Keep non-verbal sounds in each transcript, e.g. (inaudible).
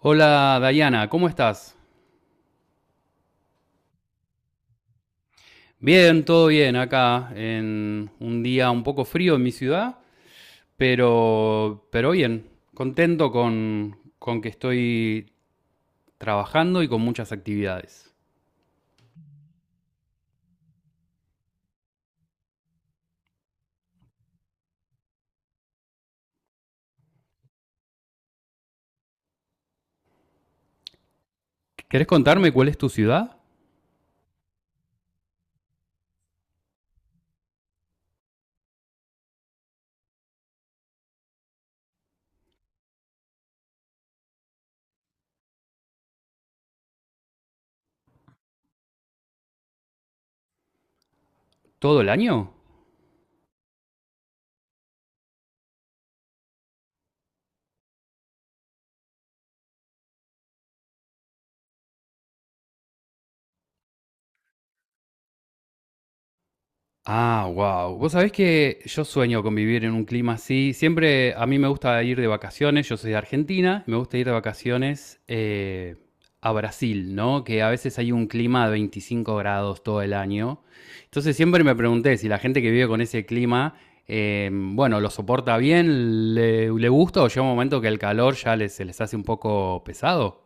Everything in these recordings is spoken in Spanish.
Hola Dayana, ¿cómo estás? Bien, todo bien acá en un día un poco frío en mi ciudad, pero bien, contento con que estoy trabajando y con muchas actividades. ¿Querés contarme cuál es tu ciudad? ¿Todo el año? Ah, wow. Vos sabés que yo sueño con vivir en un clima así. Siempre a mí me gusta ir de vacaciones. Yo soy de Argentina. Me gusta ir de vacaciones a Brasil, ¿no? Que a veces hay un clima de 25 grados todo el año. Entonces siempre me pregunté si la gente que vive con ese clima, bueno, lo soporta bien, le gusta o llega un momento que el calor ya se les hace un poco pesado.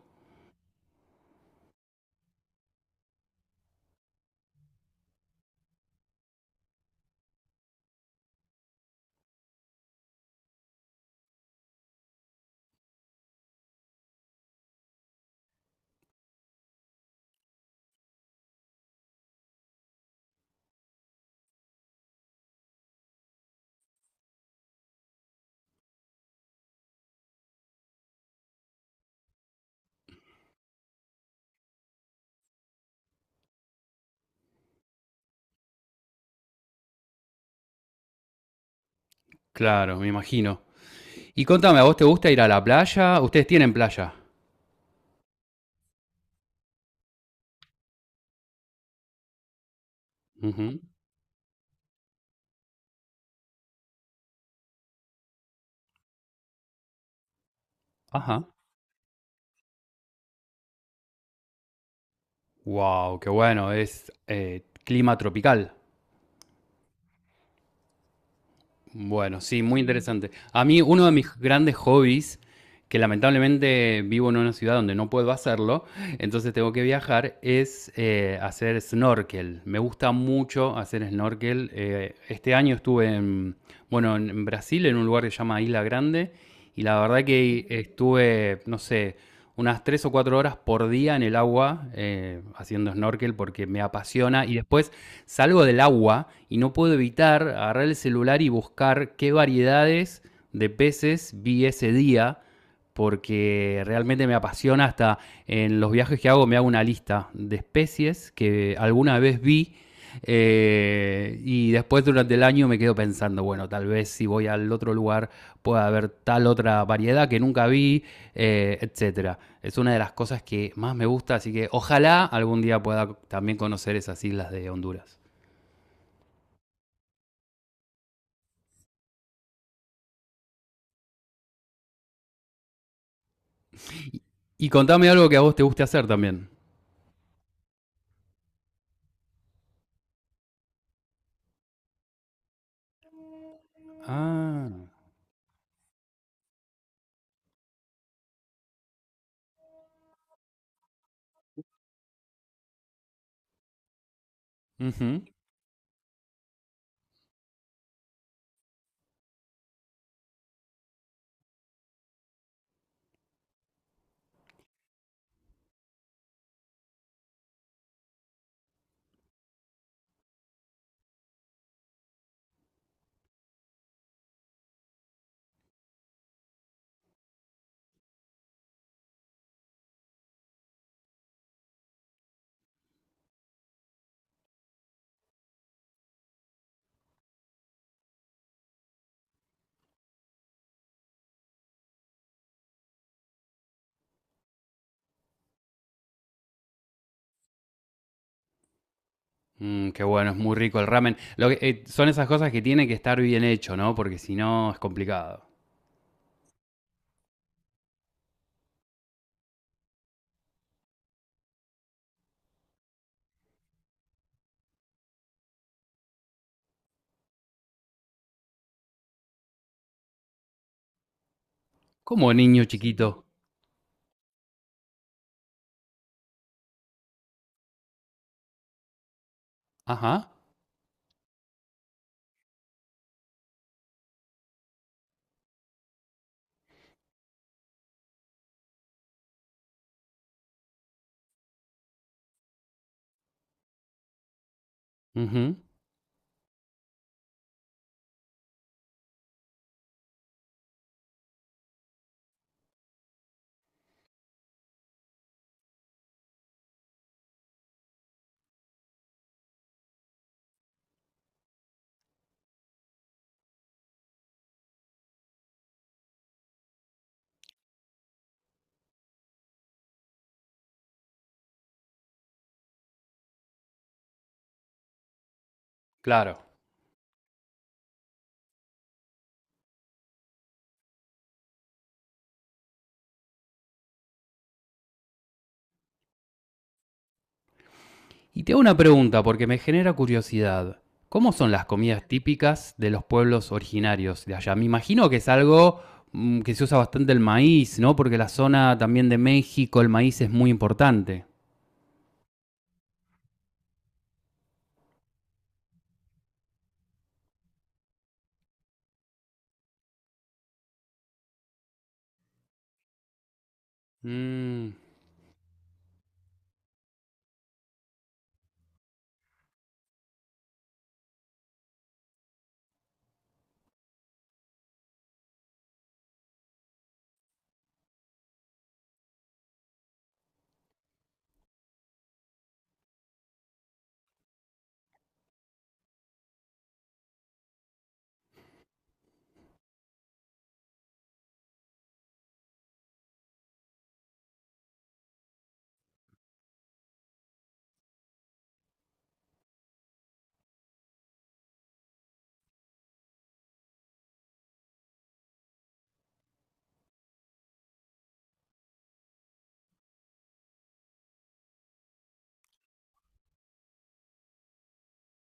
Claro, me imagino. Y contame, ¿a vos te gusta ir a la playa? ¿Ustedes tienen playa? Ujú. Ajá. Wow, qué bueno, es clima tropical. Bueno, sí, muy interesante. A mí uno de mis grandes hobbies que lamentablemente vivo en una ciudad donde no puedo hacerlo, entonces tengo que viajar, es hacer snorkel. Me gusta mucho hacer snorkel. Este año estuve en, bueno, en Brasil, en un lugar que se llama Isla Grande, y la verdad que estuve, no sé, unas 3 o 4 horas por día en el agua haciendo snorkel porque me apasiona y después salgo del agua y no puedo evitar agarrar el celular y buscar qué variedades de peces vi ese día porque realmente me apasiona hasta en los viajes que hago me hago una lista de especies que alguna vez vi. Y después durante el año me quedo pensando, bueno, tal vez si voy al otro lugar pueda haber tal otra variedad que nunca vi, etcétera. Es una de las cosas que más me gusta, así que ojalá algún día pueda también conocer esas islas de Honduras. Y contame algo que a vos te guste hacer también. Ah. Ujú. Mm, qué bueno, es muy rico el ramen. Son esas cosas que tiene que estar bien hecho, ¿no? Porque si no es complicado. Como niño chiquito. Ajá. Ujú. Claro. Y te hago una pregunta porque me genera curiosidad. ¿Cómo son las comidas típicas de los pueblos originarios de allá? Me imagino que es algo que se usa bastante el maíz, ¿no? Porque la zona también de México, el maíz es muy importante. Mm.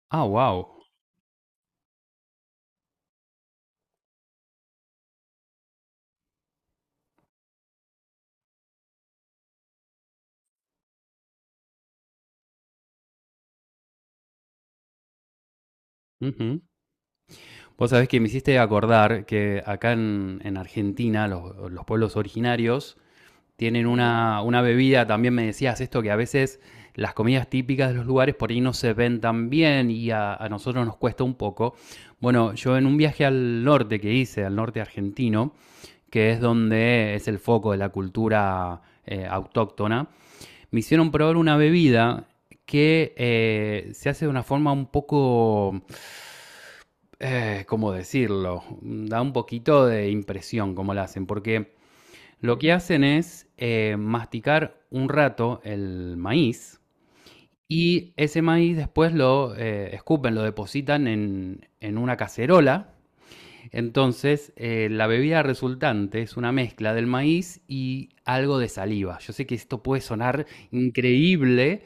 Ah, wow. Vos sabés que me hiciste acordar que acá en Argentina los pueblos originarios tienen una bebida, también me decías esto, que a veces las comidas típicas de los lugares por ahí no se ven tan bien y a nosotros nos cuesta un poco. Bueno, yo en un viaje al norte que hice, al norte argentino, que es donde es el foco de la cultura autóctona, me hicieron probar una bebida que se hace de una forma un poco ¿cómo decirlo? Da un poquito de impresión cómo lo hacen, porque lo que hacen es masticar un rato el maíz y ese maíz después lo escupen, lo depositan en una cacerola. Entonces, la bebida resultante es una mezcla del maíz y algo de saliva. Yo sé que esto puede sonar increíble,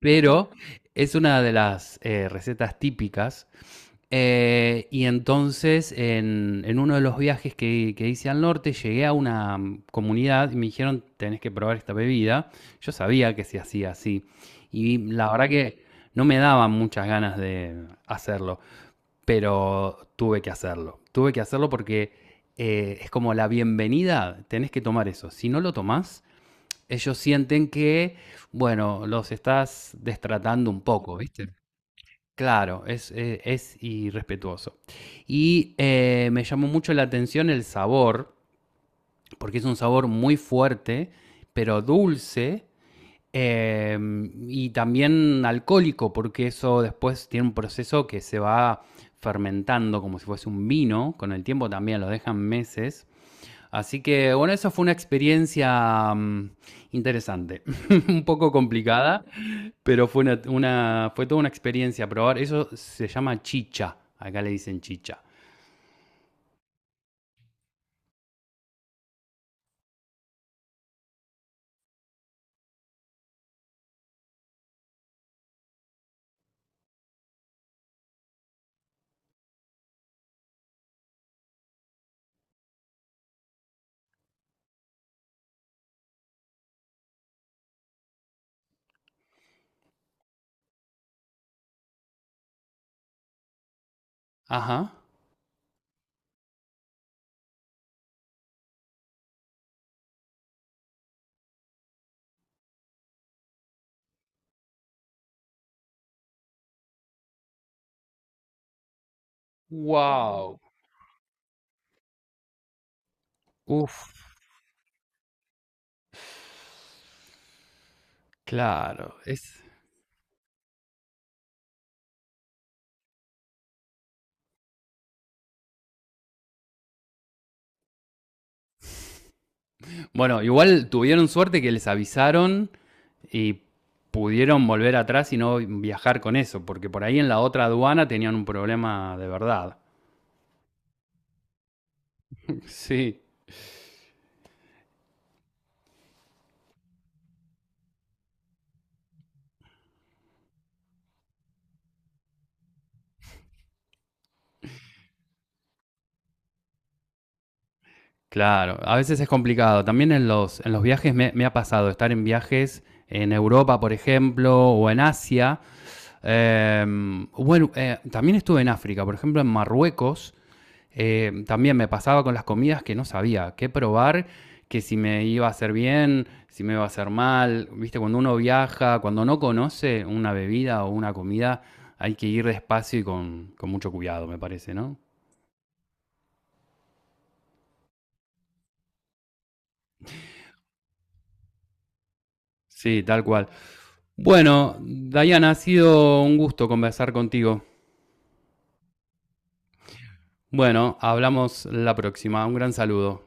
pero es una de las recetas típicas y entonces, en uno de los viajes que hice al norte, llegué a una comunidad y me dijeron, tenés que probar esta bebida. Yo sabía que se hacía así. Y la verdad que no me daban muchas ganas de hacerlo, pero tuve que hacerlo. Tuve que hacerlo porque es como la bienvenida, tenés que tomar eso. Si no lo tomás, ellos sienten que, bueno, los estás destratando un poco, ¿viste? Claro, es irrespetuoso. Y me llamó mucho la atención el sabor, porque es un sabor muy fuerte, pero dulce eh, y también alcohólico, porque eso después tiene un proceso que se va fermentando como si fuese un vino, con el tiempo también lo dejan meses. Así que bueno, eso fue una experiencia interesante, (laughs) un poco complicada, pero fue toda una experiencia probar. Eso se llama chicha. Acá le dicen chicha. Ajá. Wow. Uf, claro. Es. Bueno, igual tuvieron suerte que les avisaron y pudieron volver atrás y no viajar con eso, porque por ahí en la otra aduana tenían un problema de verdad. Sí. Claro, a veces es complicado. También en los viajes me ha pasado estar en viajes en Europa, por ejemplo, o en Asia. Eh, bueno, También estuve en África, por ejemplo, en Marruecos. También me pasaba con las comidas que no sabía qué probar, que si me iba a hacer bien, si me iba a hacer mal. Viste, cuando uno viaja, cuando no conoce una bebida o una comida, hay que ir despacio y con mucho cuidado, me parece, ¿no? Sí, tal cual. Bueno, Dayana, ha sido un gusto conversar contigo. Bueno, hablamos la próxima. Un gran saludo.